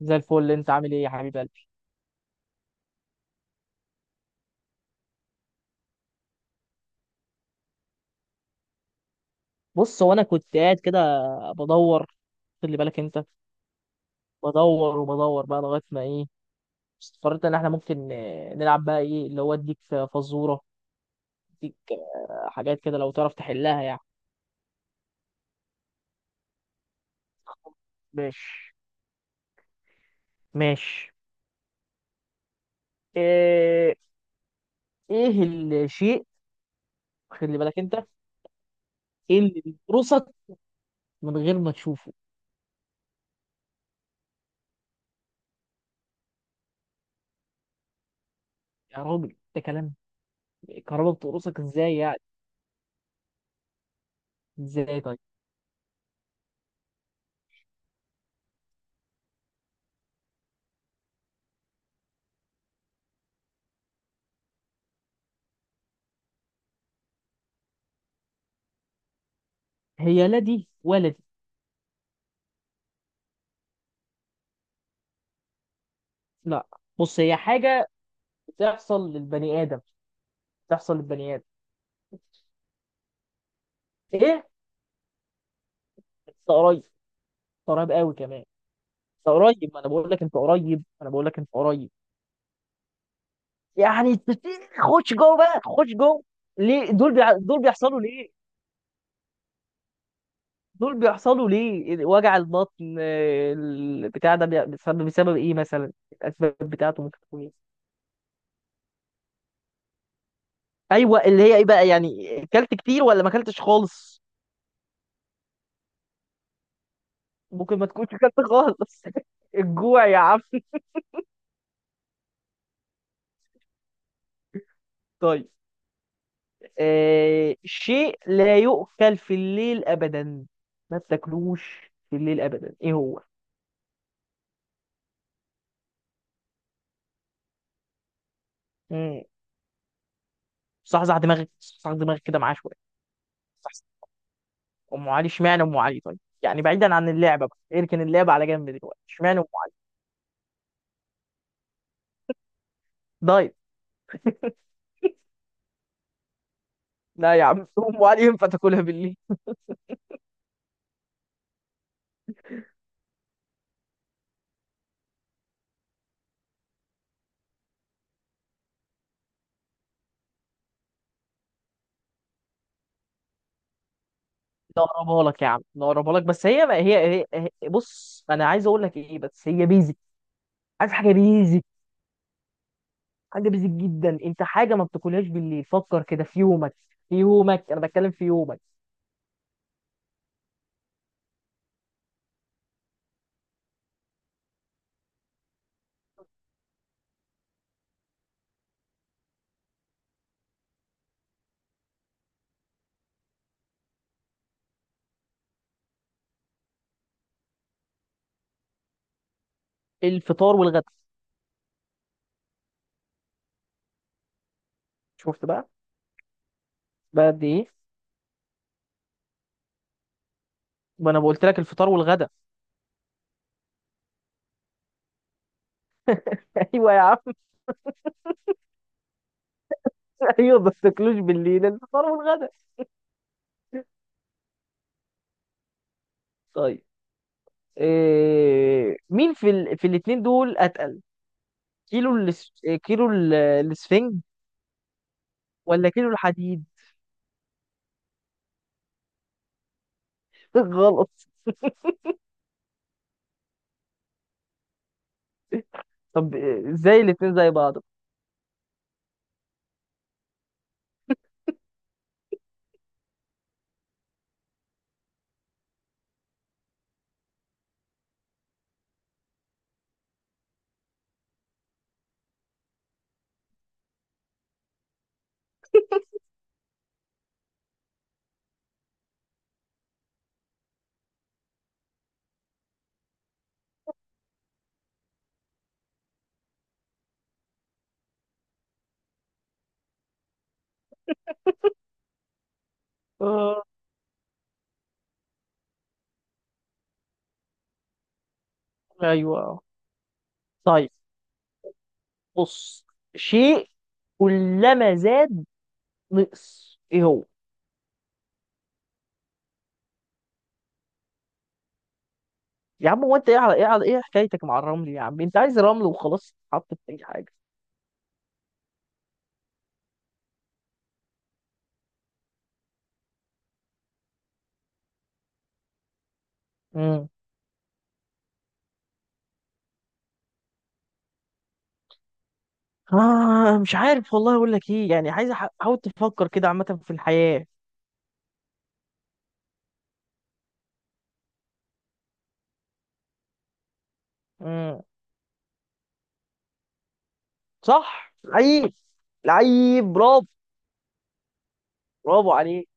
زي الفل، انت عامل ايه يا حبيب قلبي؟ بص، هو انا كنت قاعد كده بدور. خلي بالك انت. بدور وبدور بقى لغايه ما ايه، استقريت ان احنا ممكن نلعب بقى، ايه اللي هو اديك فزوره. اديك حاجات كده لو تعرف تحلها يعني. ماشي. ماشي. ايه؟ ايه الشيء؟ خلي بالك انت. ايه اللي بيقرصك من غير ما تشوفه؟ يا راجل ده كلام! الكهرباء بتقرصك ازاي يعني؟ ازاي؟ طيب. هي لا دي ولا دي. لا. بص، هي حاجه بتحصل للبني ادم، بتحصل للبني ادم. ايه؟ انت قريب. انت قريب قوي كمان. انت قريب، ما انا بقول لك انت قريب، انا بقول لك انت قريب. يعني خش جوه بقى، خش جوه. ليه دول دول بيحصلوا ليه؟ دول بيحصلوا ليه وجع البطن؟ البتاع ده بسبب ايه مثلا؟ الاسباب بتاعته ممكن تكون ايه؟ ايوه، اللي هي ايه بقى؟ يعني اكلت كتير ولا ما اكلتش خالص؟ ممكن ما تكونش اكلت خالص. الجوع يا عم. طيب. شيء لا يؤكل في الليل أبدا. ما تاكلوش في الليل أبدا، إيه هو؟ مم. صحصح دماغك، صحصح دماغك كده معاه شوية. صحصح. أم علي. اشمعنى أم علي طيب؟ يعني بعيدا عن اللعبة بقى، اركن اللعبة على جنب دلوقتي، اشمعنى أم علي؟ دايت؟ لا يا عم. أم علي ينفع تاكلها بالليل؟ لا اقربها لك يا عم، لا اقربها لك، بس هي ما هي, هي, هي بص، انا عايز اقول لك ايه، بس هي بيزك. عارف حاجه بيزك؟ حاجه بيزك جدا. انت حاجه ما بتاكلهاش بالليل، فكر كده في يومك. في يومك، انا بتكلم في يومك. الفطار والغدا. شفت بقى؟ قد ايه؟ ما انا قلت لك الفطار والغدا. ايوه يا عم. ايوه، ما تاكلوش بالليل الفطار والغدا. طيب. مين في في الاثنين دول اتقل؟ كيلو الاس... كيلو الاسفنج ولا كيلو الحديد؟ غلط. طب ازاي الاثنين زي بعض؟ آه... ايوه. طيب. بص، شيء كلما زاد نقص، ايه هو؟ يا عم، هو انت ايه على ايه على ايه حكايتك مع الرمل؟ يا عم، انت عايز رمل وخلاص تتحط في اي حاجه؟ امم مش عارف والله، اقول لك ايه يعني، عايز احاول تفكر كده عامه في الحياه. امم صح. لعيب، لعيب، برافو. برافو عليك.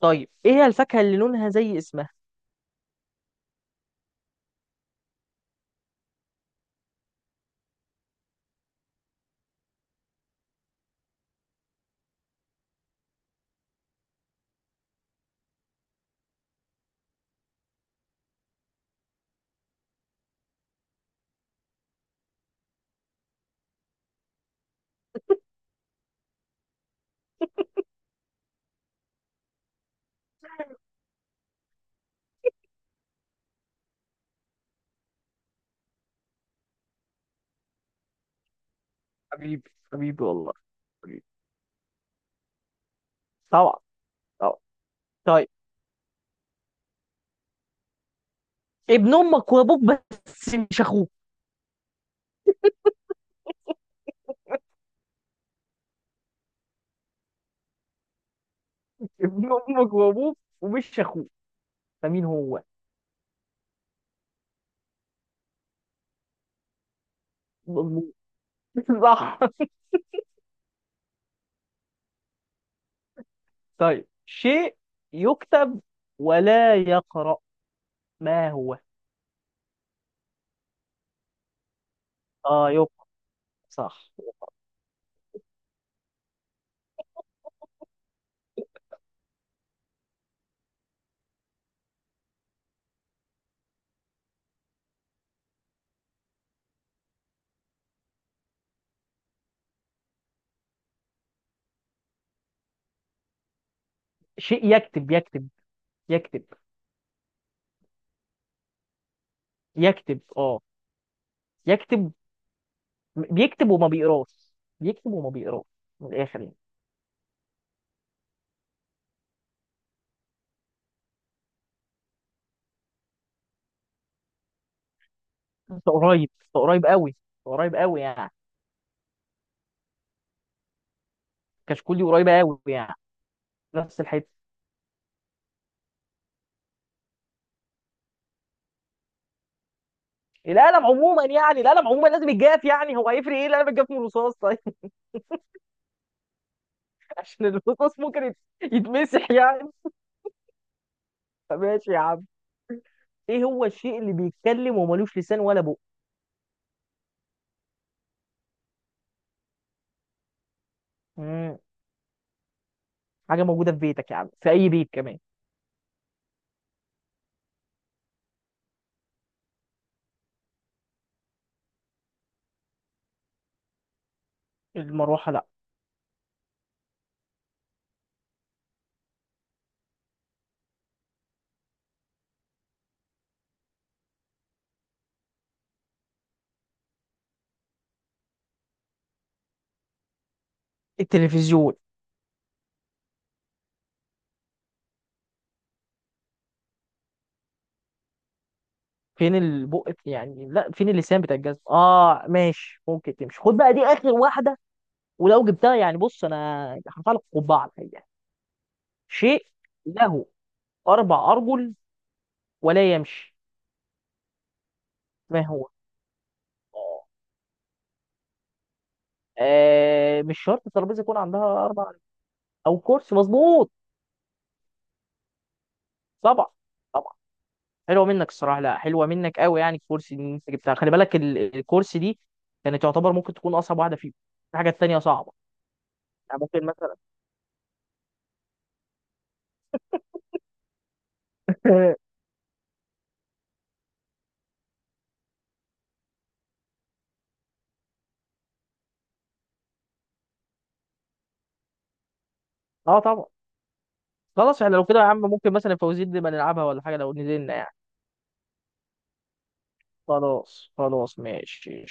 طيب، ايه هي الفاكهه اللي لونها زي اسمها؟ حبيبي، حبيبي والله. حبيبي. طبعا، طبعا. طيب، ابن امك وابوك بس مش اخوك، ابن امك وابوك ومش اخوك، فمين هو؟ مظبوط. صح. طيب، شيء يكتب ولا يقرأ؟ ما هو؟ اه، يكتب. صح. شيء يكتب، يكتب. يكتب. يكتب اه. يكتب. بيكتب وما بيقراش، بيكتب وما بيقراش، من الاخر يعني. انت قريب، انت قريب قوي، أنت قريب قوي يعني. كشكولي قريبه قوي يعني، نفس الحته. القلم عموما، يعني القلم عموما لازم يتجاف، يعني هو هيفرق ايه القلم يتجاف من الرصاص؟ طيب. عشان الرصاص ممكن يتمسح يعني، فماشي يا عم. ايه هو الشيء اللي بيتكلم وملوش لسان ولا بق؟ مم. حاجه موجوده في بيتك يا عم، في اي بيت كمان. المروحه لا. التلفزيون؟ فين البق يعني؟ لا فين اللسان بتاع الجزم؟ اه ماشي، ممكن تمشي. خد بقى دي اخر واحده، ولو جبتها يعني، بص، انا هرفع لك قبعه على الحقيقه. شيء له 4 ارجل ولا يمشي، ما هو؟ آه مش شرط الترابيزه يكون عندها 4 أرجل، او كرسي. مظبوط. طبعا، طبعا. حلوه منك الصراحه، لا حلوه منك قوي يعني. الكورس اللي انت جبتها خلي بالك، الكورس دي كانت تعتبر ممكن تكون اصعب واحده فيهم. في حاجات تانية صعبه يعني، ممكن مثلا. اه طبعا. خلاص، احنا لو كده يا عم ممكن مثلا فوزير دي ما نلعبها ولا حاجه، لو نزلنا يعني. خلاص، خلاص، ماشي.